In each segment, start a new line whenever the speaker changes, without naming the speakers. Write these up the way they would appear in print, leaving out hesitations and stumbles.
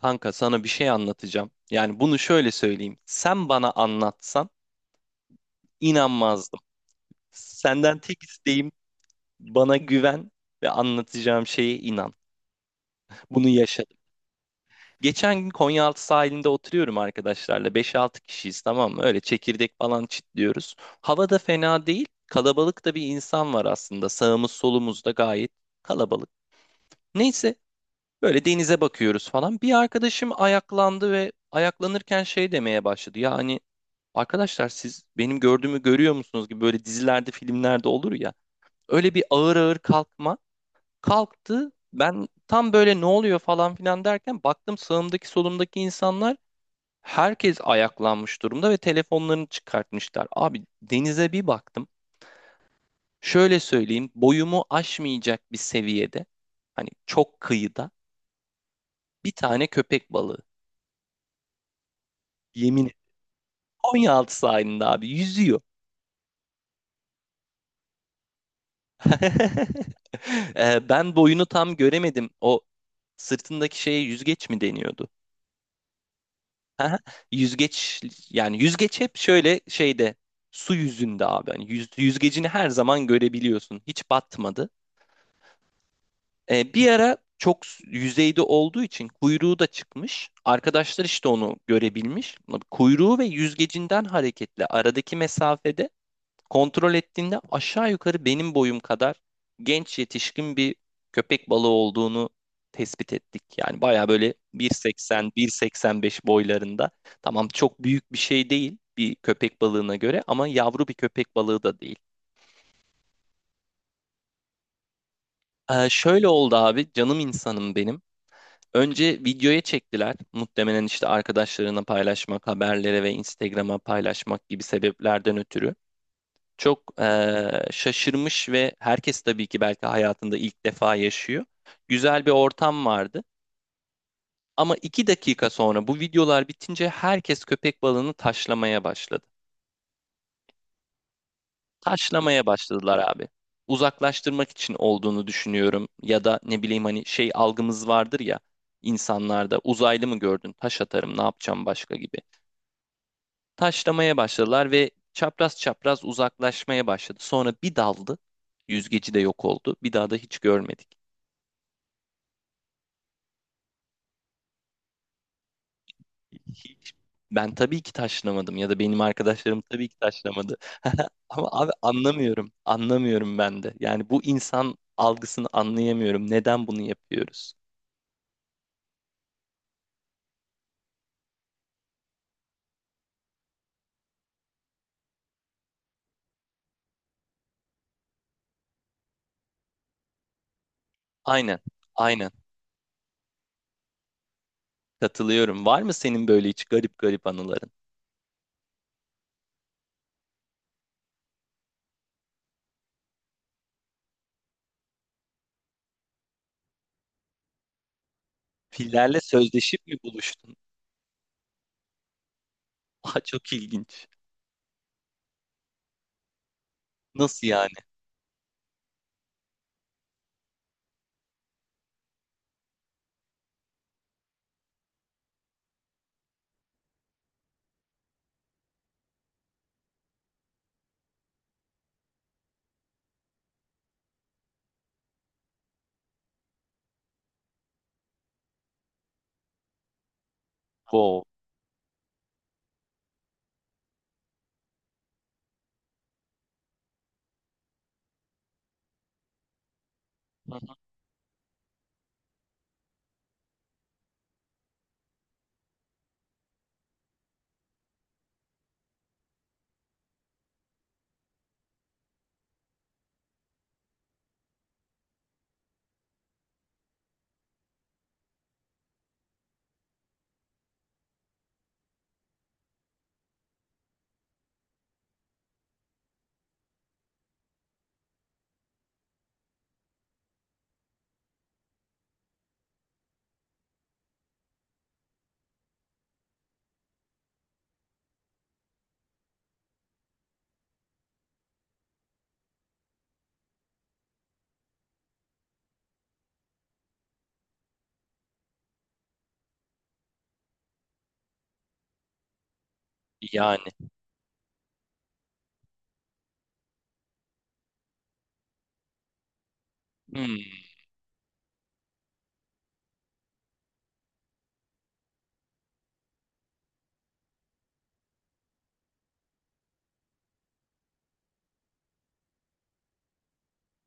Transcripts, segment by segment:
Kanka sana bir şey anlatacağım. Yani bunu şöyle söyleyeyim. Sen bana anlatsan inanmazdım. Senden tek isteğim bana güven ve anlatacağım şeye inan. Bunu yaşadım. Geçen gün Konyaaltı sahilinde oturuyorum arkadaşlarla. Beş altı kişiyiz, tamam mı? Öyle çekirdek falan çitliyoruz. Hava da fena değil. Kalabalık da bir insan var aslında. Sağımız solumuz da gayet kalabalık. Neyse, böyle denize bakıyoruz falan. Bir arkadaşım ayaklandı ve ayaklanırken şey demeye başladı. Yani arkadaşlar, siz benim gördüğümü görüyor musunuz gibi, böyle dizilerde, filmlerde olur ya. Öyle bir ağır ağır kalkma. Kalktı. Ben tam böyle ne oluyor falan filan derken baktım, sağımdaki solumdaki insanlar, herkes ayaklanmış durumda ve telefonlarını çıkartmışlar. Abi, denize bir baktım. Şöyle söyleyeyim, boyumu aşmayacak bir seviyede. Hani çok kıyıda bir tane köpek balığı. Yemin. Konyaaltı sahilinde abi yüzüyor. Ben boyunu tam göremedim. O sırtındaki şeye yüzgeç mi deniyordu? Aha, yüzgeç, yani yüzgeç hep şöyle şeyde, su yüzünde abi. Hani yüzgecini her zaman görebiliyorsun. Hiç batmadı. Bir ara çok yüzeyde olduğu için kuyruğu da çıkmış. Arkadaşlar işte onu görebilmiş. Kuyruğu ve yüzgecinden hareketle aradaki mesafede, kontrol ettiğinde aşağı yukarı benim boyum kadar genç yetişkin bir köpek balığı olduğunu tespit ettik. Yani baya böyle 1,80, 1,85 boylarında. Tamam, çok büyük bir şey değil bir köpek balığına göre ama yavru bir köpek balığı da değil. Şöyle oldu abi, canım insanım benim. Önce videoya çektiler. Muhtemelen işte arkadaşlarına paylaşmak, haberlere ve Instagram'a paylaşmak gibi sebeplerden ötürü. Çok şaşırmış ve herkes tabii ki belki hayatında ilk defa yaşıyor. Güzel bir ortam vardı. Ama iki dakika sonra bu videolar bitince herkes köpek balığını taşlamaya başladı. Taşlamaya başladılar abi. Uzaklaştırmak için olduğunu düşünüyorum. Ya da ne bileyim, hani şey algımız vardır ya insanlarda, uzaylı mı gördün, taş atarım, ne yapacağım başka gibi. Taşlamaya başladılar ve çapraz çapraz uzaklaşmaya başladı. Sonra bir daldı. Yüzgeci de yok oldu. Bir daha da hiç görmedik. Hiç, ben tabii ki taşlamadım ya da benim arkadaşlarım tabii ki taşlamadı. Ama abi anlamıyorum. Anlamıyorum ben de. Yani bu insan algısını anlayamıyorum. Neden bunu yapıyoruz? Aynen. Aynen. Katılıyorum. Var mı senin böyle hiç garip garip anıların? Fillerle sözleşip mi buluştun? Aa, çok ilginç. Nasıl yani? Wow. Hı hı. Yani. Hmm,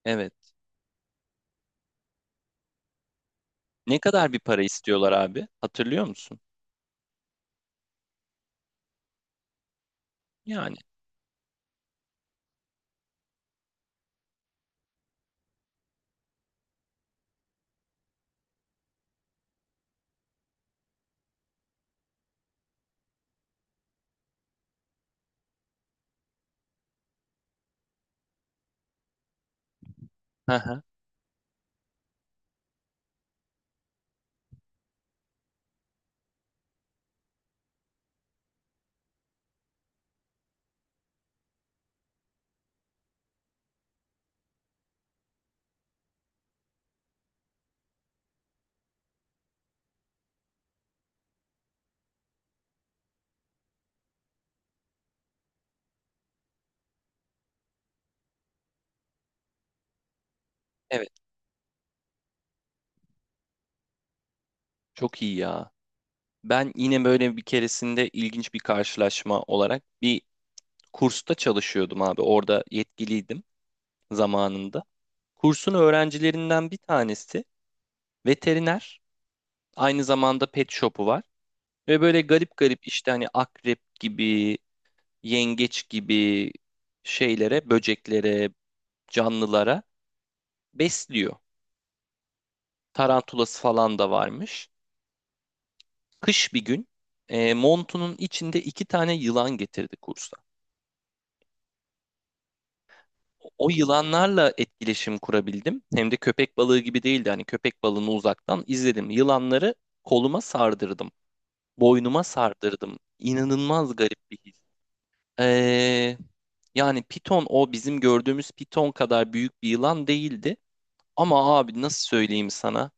evet. Ne kadar bir para istiyorlar abi? Hatırlıyor musun? Yani. Hı hı. Evet. Çok iyi ya. Ben yine böyle bir keresinde ilginç bir karşılaşma olarak, bir kursta çalışıyordum abi. Orada yetkiliydim zamanında. Kursun öğrencilerinden bir tanesi veteriner. Aynı zamanda pet shop'u var. Ve böyle garip garip, işte hani akrep gibi, yengeç gibi şeylere, böceklere, canlılara besliyor. Tarantulası falan da varmış. Kış bir gün montunun içinde iki tane yılan getirdi kursa. O yılanlarla etkileşim kurabildim. Hem de köpek balığı gibi değildi. Hani köpek balığını uzaktan izledim. Yılanları koluma sardırdım. Boynuma sardırdım. İnanılmaz garip bir his. Ee, yani piton, o bizim gördüğümüz piton kadar büyük bir yılan değildi. Ama abi, nasıl söyleyeyim sana?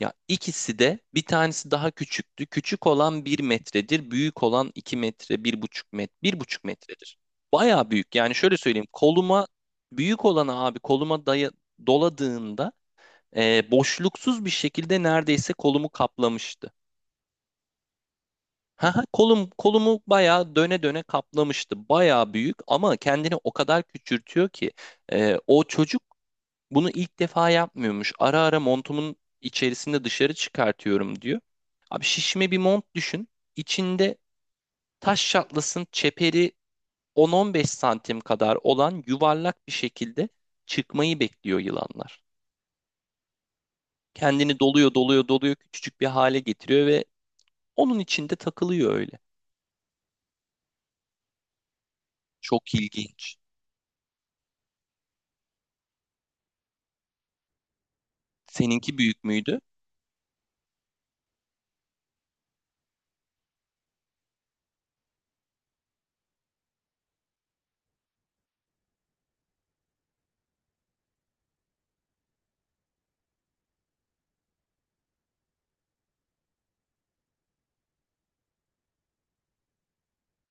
Ya ikisi de, bir tanesi daha küçüktü. Küçük olan bir metredir. Büyük olan 2 metre, 1,5 metre, buçuk metredir. Bayağı büyük. Yani şöyle söyleyeyim. Koluma, büyük olanı abi koluma daya, doladığında boşluksuz bir şekilde neredeyse kolumu kaplamıştı. Haha, kolum, kolumu bayağı döne döne kaplamıştı. Bayağı büyük ama kendini o kadar küçültüyor ki o çocuk bunu ilk defa yapmıyormuş. Ara ara montumun içerisinde dışarı çıkartıyorum diyor. Abi, şişme bir mont düşün. İçinde taş şatlasın, çeperi 10-15 santim kadar olan yuvarlak bir şekilde çıkmayı bekliyor yılanlar. Kendini doluyor, doluyor, doluyor, küçücük bir hale getiriyor ve onun içinde takılıyor öyle. Çok ilginç. Seninki büyük müydü?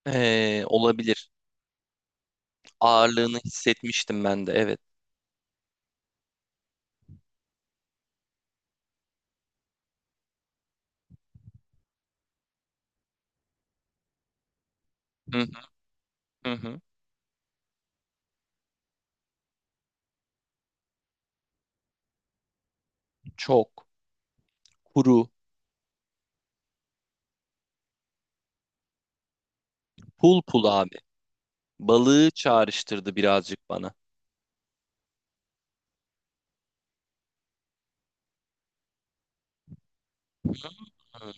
Olabilir. Ağırlığını hissetmiştim ben de, evet. Hı hı hı. Hı. Çok. Kuru. Pul pul abi. Balığı çağrıştırdı birazcık bana. Hı.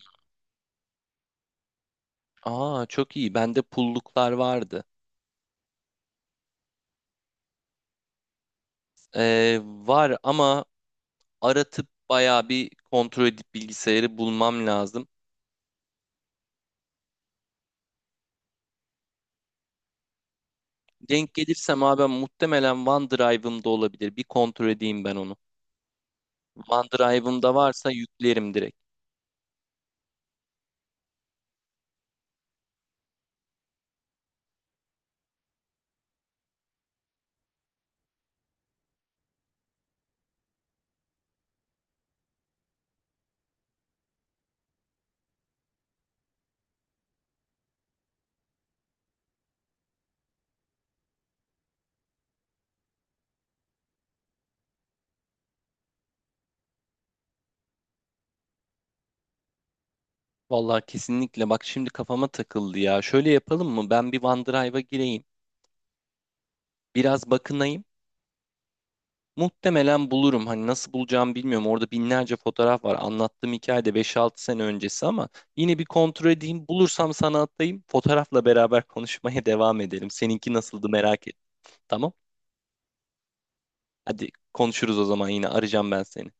Aa, çok iyi. Bende pulluklar vardı. Var ama aratıp bayağı bir kontrol edip bilgisayarı bulmam lazım. Denk gelirsem abi muhtemelen OneDrive'ımda olabilir. Bir kontrol edeyim ben onu. OneDrive'ımda varsa yüklerim direkt. Vallahi kesinlikle, bak şimdi kafama takıldı ya. Şöyle yapalım mı? Ben bir OneDrive'a gireyim. Biraz bakınayım. Muhtemelen bulurum. Hani nasıl bulacağımı bilmiyorum. Orada binlerce fotoğraf var. Anlattığım hikaye de beş altı sene öncesi ama yine bir kontrol edeyim. Bulursam sana atayım. Fotoğrafla beraber konuşmaya devam edelim. Seninki nasıldı, merak ettim. Tamam. Hadi konuşuruz o zaman yine. Arayacağım ben seni.